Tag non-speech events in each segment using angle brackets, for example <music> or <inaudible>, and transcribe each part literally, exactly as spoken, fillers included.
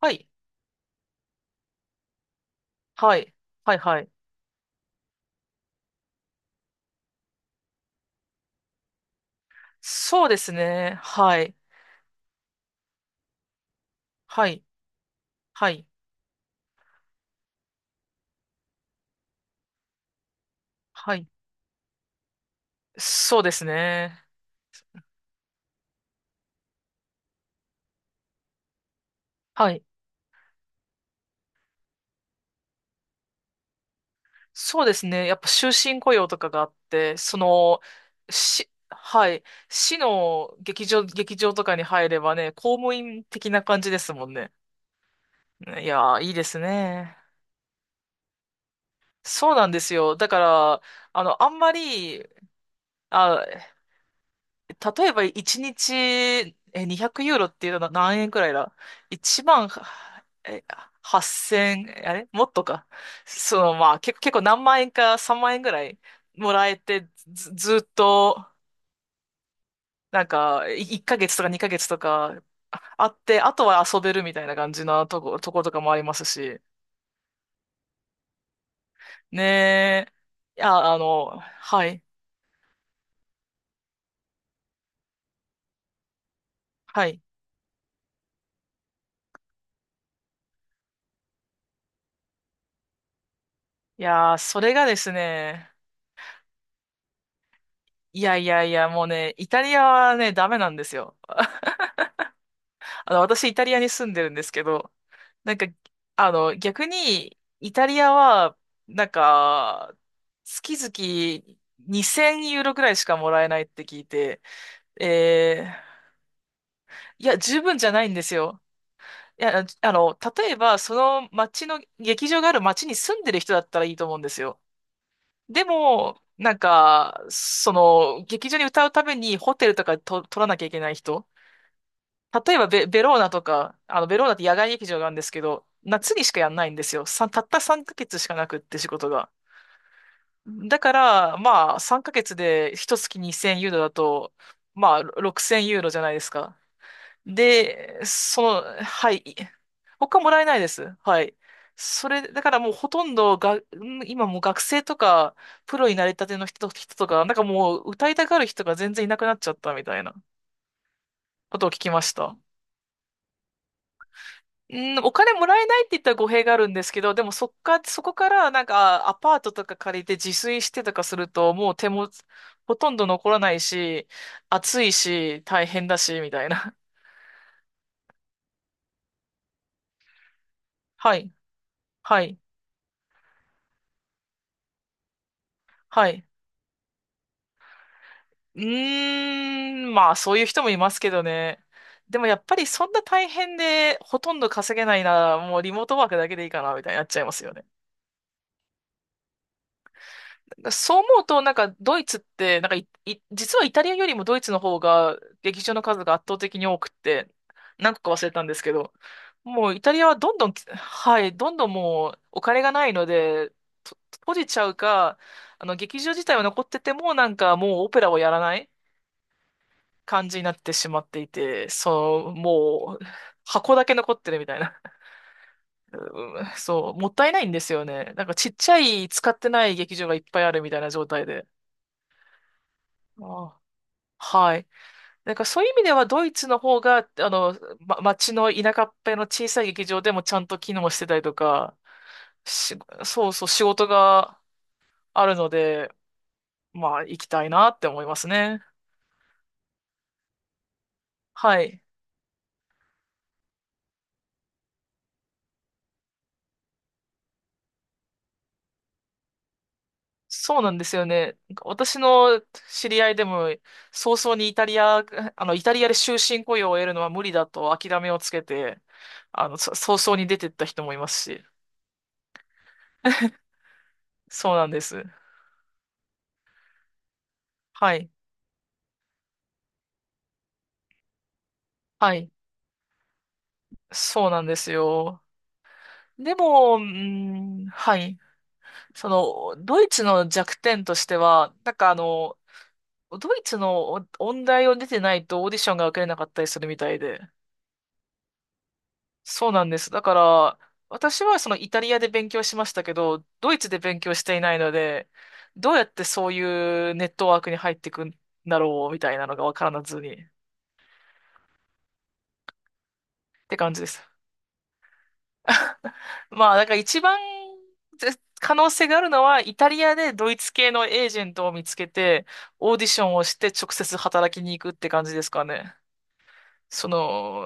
はい。はい。はい。はい。そうですね。はい。はい。はい。はい。そうですね。はい。そうですね。やっぱ終身雇用とかがあって、その、し、はい。市の劇場、劇場とかに入ればね、公務員的な感じですもんね。いやー、いいですね。そうなんですよ。だから、あの、あんまり、あ、例えばいちにち、え、にひゃくユーロっていうのは何円くらいだ ?いち 万、え、はっせん、あれもっとか。その、まあ、結構、結構何万円かさんまん円ぐらいもらえて、ず、ずっと、なんか、いいっかげつとかにかげつとかあって、あとは遊べるみたいな感じなとこ、とことかもありますし。ねえ。いや、あの、はい、はい。いやー、それがですね、いやいやいや、もうね、イタリアはね、ダメなんですよ。あの、私、イタリアに住んでるんですけど、なんか、あの、逆に、イタリアは、なんか、月々2000ユーロくらいしかもらえないって聞いて、えー、いや、十分じゃないんですよ。いや、あの、例えば、その町の、劇場がある町に住んでる人だったらいいと思うんですよ。でも、なんか、その、劇場に歌うためにホテルとかと取らなきゃいけない人。例えばベ、ベローナとか、あの、ベローナって野外劇場があるんですけど、夏にしかやんないんですよ。さ、たったさんかげつしかなくって仕事が。だから、まあ、さんかげつで一月にせんユーロだと、まあ、ろくせんユーロじゃないですか。で、その、はい。他もらえないです。はい。それ、だからもうほとんどが、うん今もう学生とか、プロになりたての人、人とか、なんかもう歌いたがる人が全然いなくなっちゃったみたいなことを聞きました。うん、お金もらえないって言ったら語弊があるんですけど、でもそっか、そこからなんかアパートとか借りて自炊してとかすると、もう手もほとんど残らないし、暑いし、大変だし、みたいな。<laughs> はい、はい、はい。うーん、まあそういう人もいますけどね。でもやっぱりそんな大変でほとんど稼げないなら、もうリモートワークだけでいいかな、みたいになっちゃいますよね。そう思うと、なんか、ドイツって、なんかい、い実はイタリアよりもドイツの方が、劇場の数が圧倒的に多くって、何個か忘れたんですけど、もうイタリアはどんどん、はい、どんどんもうお金がないので、と閉じちゃうか、あの、劇場自体は残ってても、なんかもうオペラをやらない感じになってしまっていて、そう、もう、箱だけ残ってるみたいな。うんそう、もったいないんですよね。なんかちっちゃい使ってない劇場がいっぱいあるみたいな状態で。ああはい。なんかそういう意味ではドイツの方が、あの、ま、町の田舎っぺの小さい劇場でもちゃんと機能してたりとか、し、そうそう仕事があるので、まあ行きたいなって思いますね。はい。そうなんですよね。なんか私の知り合いでも、早々にイタリア、あの、イタリアで終身雇用を得るのは無理だと諦めをつけて、あの、そ早々に出てった人もいますし。そうなんです。はい。はい。そうなんですよ。でも、うーん、はい。その、ドイツの弱点としては、なんかあの、ドイツのお音大を出てないとオーディションが受けれなかったりするみたいで。そうなんです。だから、私はそのイタリアで勉強しましたけど、ドイツで勉強していないので、どうやってそういうネットワークに入っていくんだろう、みたいなのがわからずに、って感じです。まあ、だから一番ぜ可能性があるのは、イタリアでドイツ系のエージェントを見つけて、オーディションをして直接働きに行くって感じですかね。その、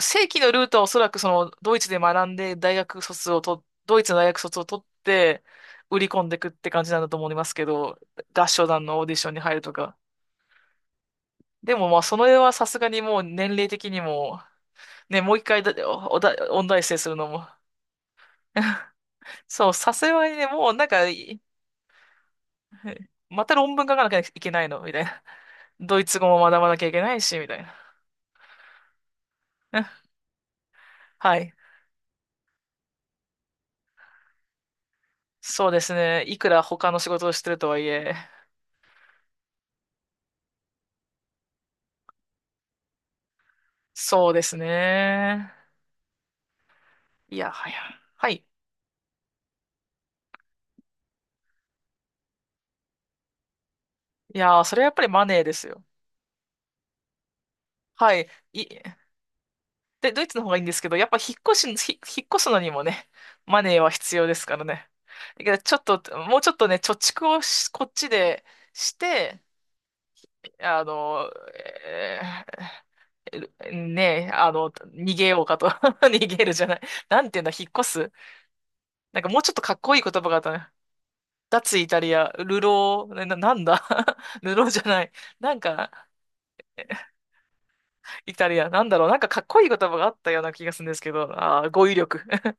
正規のルートはおそらくそのドイツで学んで大学卒をと、ドイツの大学卒を取って売り込んでいくって感じなんだと思いますけど、合唱団のオーディションに入るとか。でもまあその絵はさすがにもう年齢的にも、ね、もう一回だ、お、おだ、音大生するのも。<laughs> そう、さすがにね、もうなんか、い <laughs> また論文書かなきゃいけないのみたいな。<laughs> ドイツ語も学ばなきゃいけないし、みたいな。<laughs> はい。そうですね。いくら他の仕事をしてるとはいえ、そうですね。いや、はや。はい。いやー、それはやっぱりマネーですよ。はい。い、で、ドイツの方がいいんですけど、やっぱ引っ越し、ひ引っ越すのにもね、マネーは必要ですからね。だけど、ちょっと、もうちょっとね、貯蓄をしこっちでして、あの、ねえ、あの、逃げようかと。<laughs> 逃げるじゃない。なんていうんだ、引っ越す。なんかもうちょっとかっこいい言葉があったね。脱イタリア、流浪、な、ななんだ <laughs> 流浪じゃない。なんか、イタリア、なんだろう。なんかかっこいい言葉があったような気がするんですけど、ああ、語彙力。<laughs>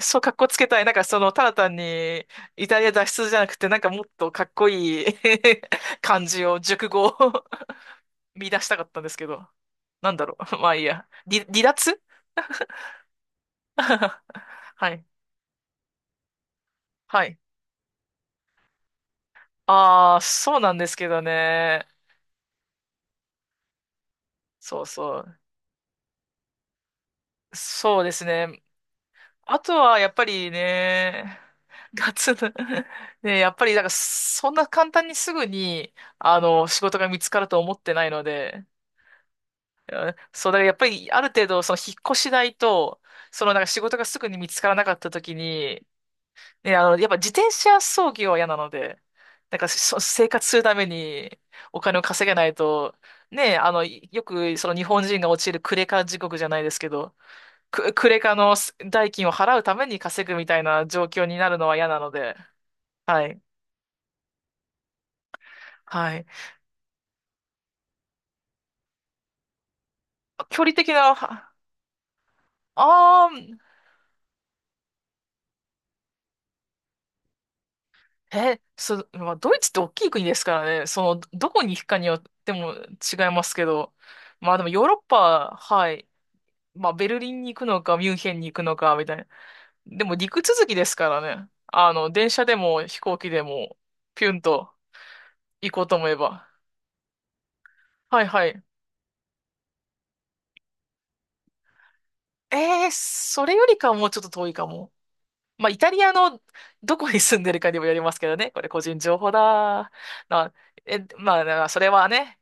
そう、かっこつけたい。なんかその、ただ単に、イタリア脱出じゃなくて、なんかもっとかっこいい <laughs> 漢字を、熟語を <laughs> 見出したかったんですけど、なんだろう。<laughs> まあいいや。離、離脱 <laughs> はい。はい。ああ、そうなんですけどね。そうそう。そうですね。あとは、やっぱりね、<laughs> ガツン <laughs> ね、やっぱり、だから、そんな簡単にすぐに、あの、仕事が見つかると思ってないので、<laughs> そう、だからやっぱり、ある程度、その、引っ越し代と、その、なんか仕事がすぐに見つからなかった時に、ね、あの、やっぱ自転車操業は嫌なので、なんかそ <laughs> 生活するためにお金を稼げないと、ねえ、あの、いよくその日本人が陥るクレカ地獄じゃないですけど、ク、クレカのす代金を払うために稼ぐみたいな状況になるのは嫌なので、はい。はい。距離的な、はあー、え、そ、まあ、ドイツって大きい国ですからね、その、どこに行くかによっても違いますけど、まあでもヨーロッパ、はい。まあ、ベルリンに行くのか、ミュンヘンに行くのか、みたいな。でも、陸続きですからね。あの、電車でも飛行機でも、ピュンと行こうと思えば。はいはい。えー、それよりかはもうちょっと遠いかも。まあ、イタリアのどこに住んでるかにもよりますけどね。これ個人情報だ。な、え、まあ、なそれはね。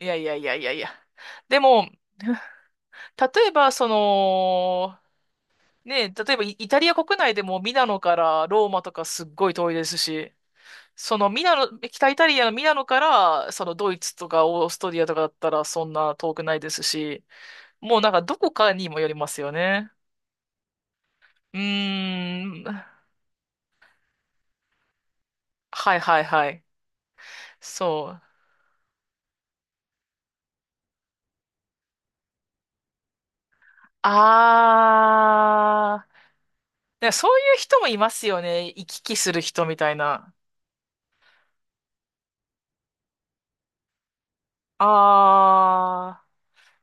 いやいやいやいやいや。でも、例えば、その、ね、例えばイイタリア国内でもミラノからローマとかすっごい遠いですし、そのミラノ、北イタリアのミラノから、そのドイツとかオーストリアとかだったらそんな遠くないですし、もうなんかどこかにもよりますよね。うーん。はいはいはい。そう。あー。ね、そういう人もいますよね。行き来する人みたいな。あ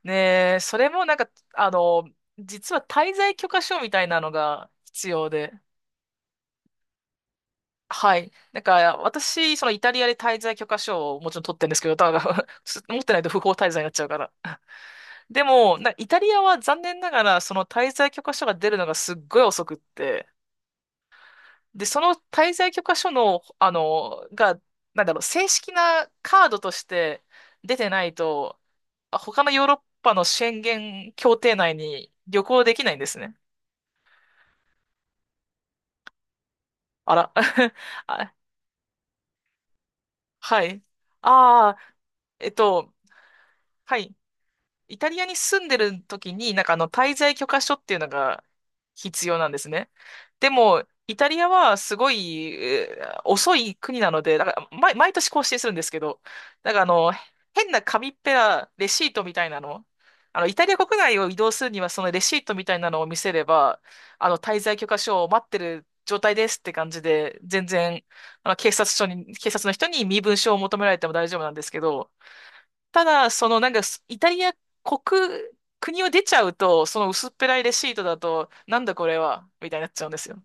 ー。ねえ、それもなんか、あの、実は滞在許可証みたいなのが必要で。はい。なんか、私、そのイタリアで滞在許可証をもちろん取ってるんですけど、ただ <laughs> 持ってないと不法滞在になっちゃうから。でも、なイタリアは残念ながら、その滞在許可証が出るのがすっごい遅くって、で、その滞在許可証の、あの、が、なんだろう、正式なカードとして出てないと、あ他のヨーロッパの宣言協定内に旅行できないんですね。あら。<laughs> あ、はい。ああ、えっと、はい。イタリアに住んでる時に、なんかあの、滞在許可書っていうのが必要なんですね。でも、イタリアはすごい、えー遅い国なので、だから毎、毎年更新するんですけど、なんかあの、変な紙っぺらレシートみたいなの、あの、イタリア国内を移動するには、そのレシートみたいなのを見せれば、あの、滞在許可書を待ってる状態ですって感じで、全然、あの、警察署に、警察の人に身分証を求められても大丈夫なんですけど、ただ、そのなんかす、イタリア国、国を出ちゃうと、その薄っぺらいレシートだと、なんだこれは、みたいになっちゃうんですよ。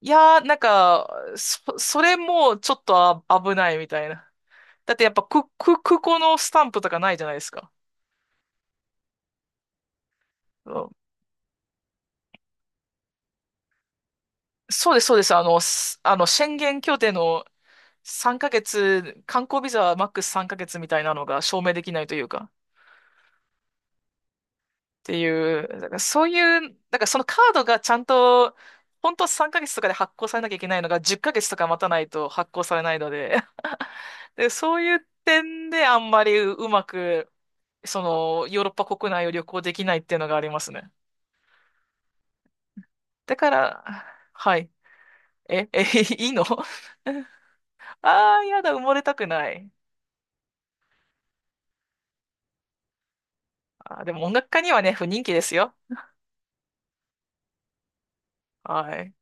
いやー、なんか、そ、それもちょっとあ危ないみたいな。だってやっぱくく空港のスタンプとかないじゃないですか。うん、そうです、そうです。あの、すあの、宣言協定のさんかげつ、観光ビザはマックスさんかげつみたいなのが証明できないというか。っていう、だからそういう、だからそのカードがちゃんと、本当さんかげつとかで発行されなきゃいけないのがじゅっかげつとか待たないと発行されないので、<laughs> で、そういう点であんまりうまく、その、ヨーロッパ国内を旅行できないっていうのがありますね。だから、はい。え、え、<laughs> いいのあ <laughs> あー、やだ、埋もれたくない。あー、でも音楽家にはね、不人気ですよ。はい。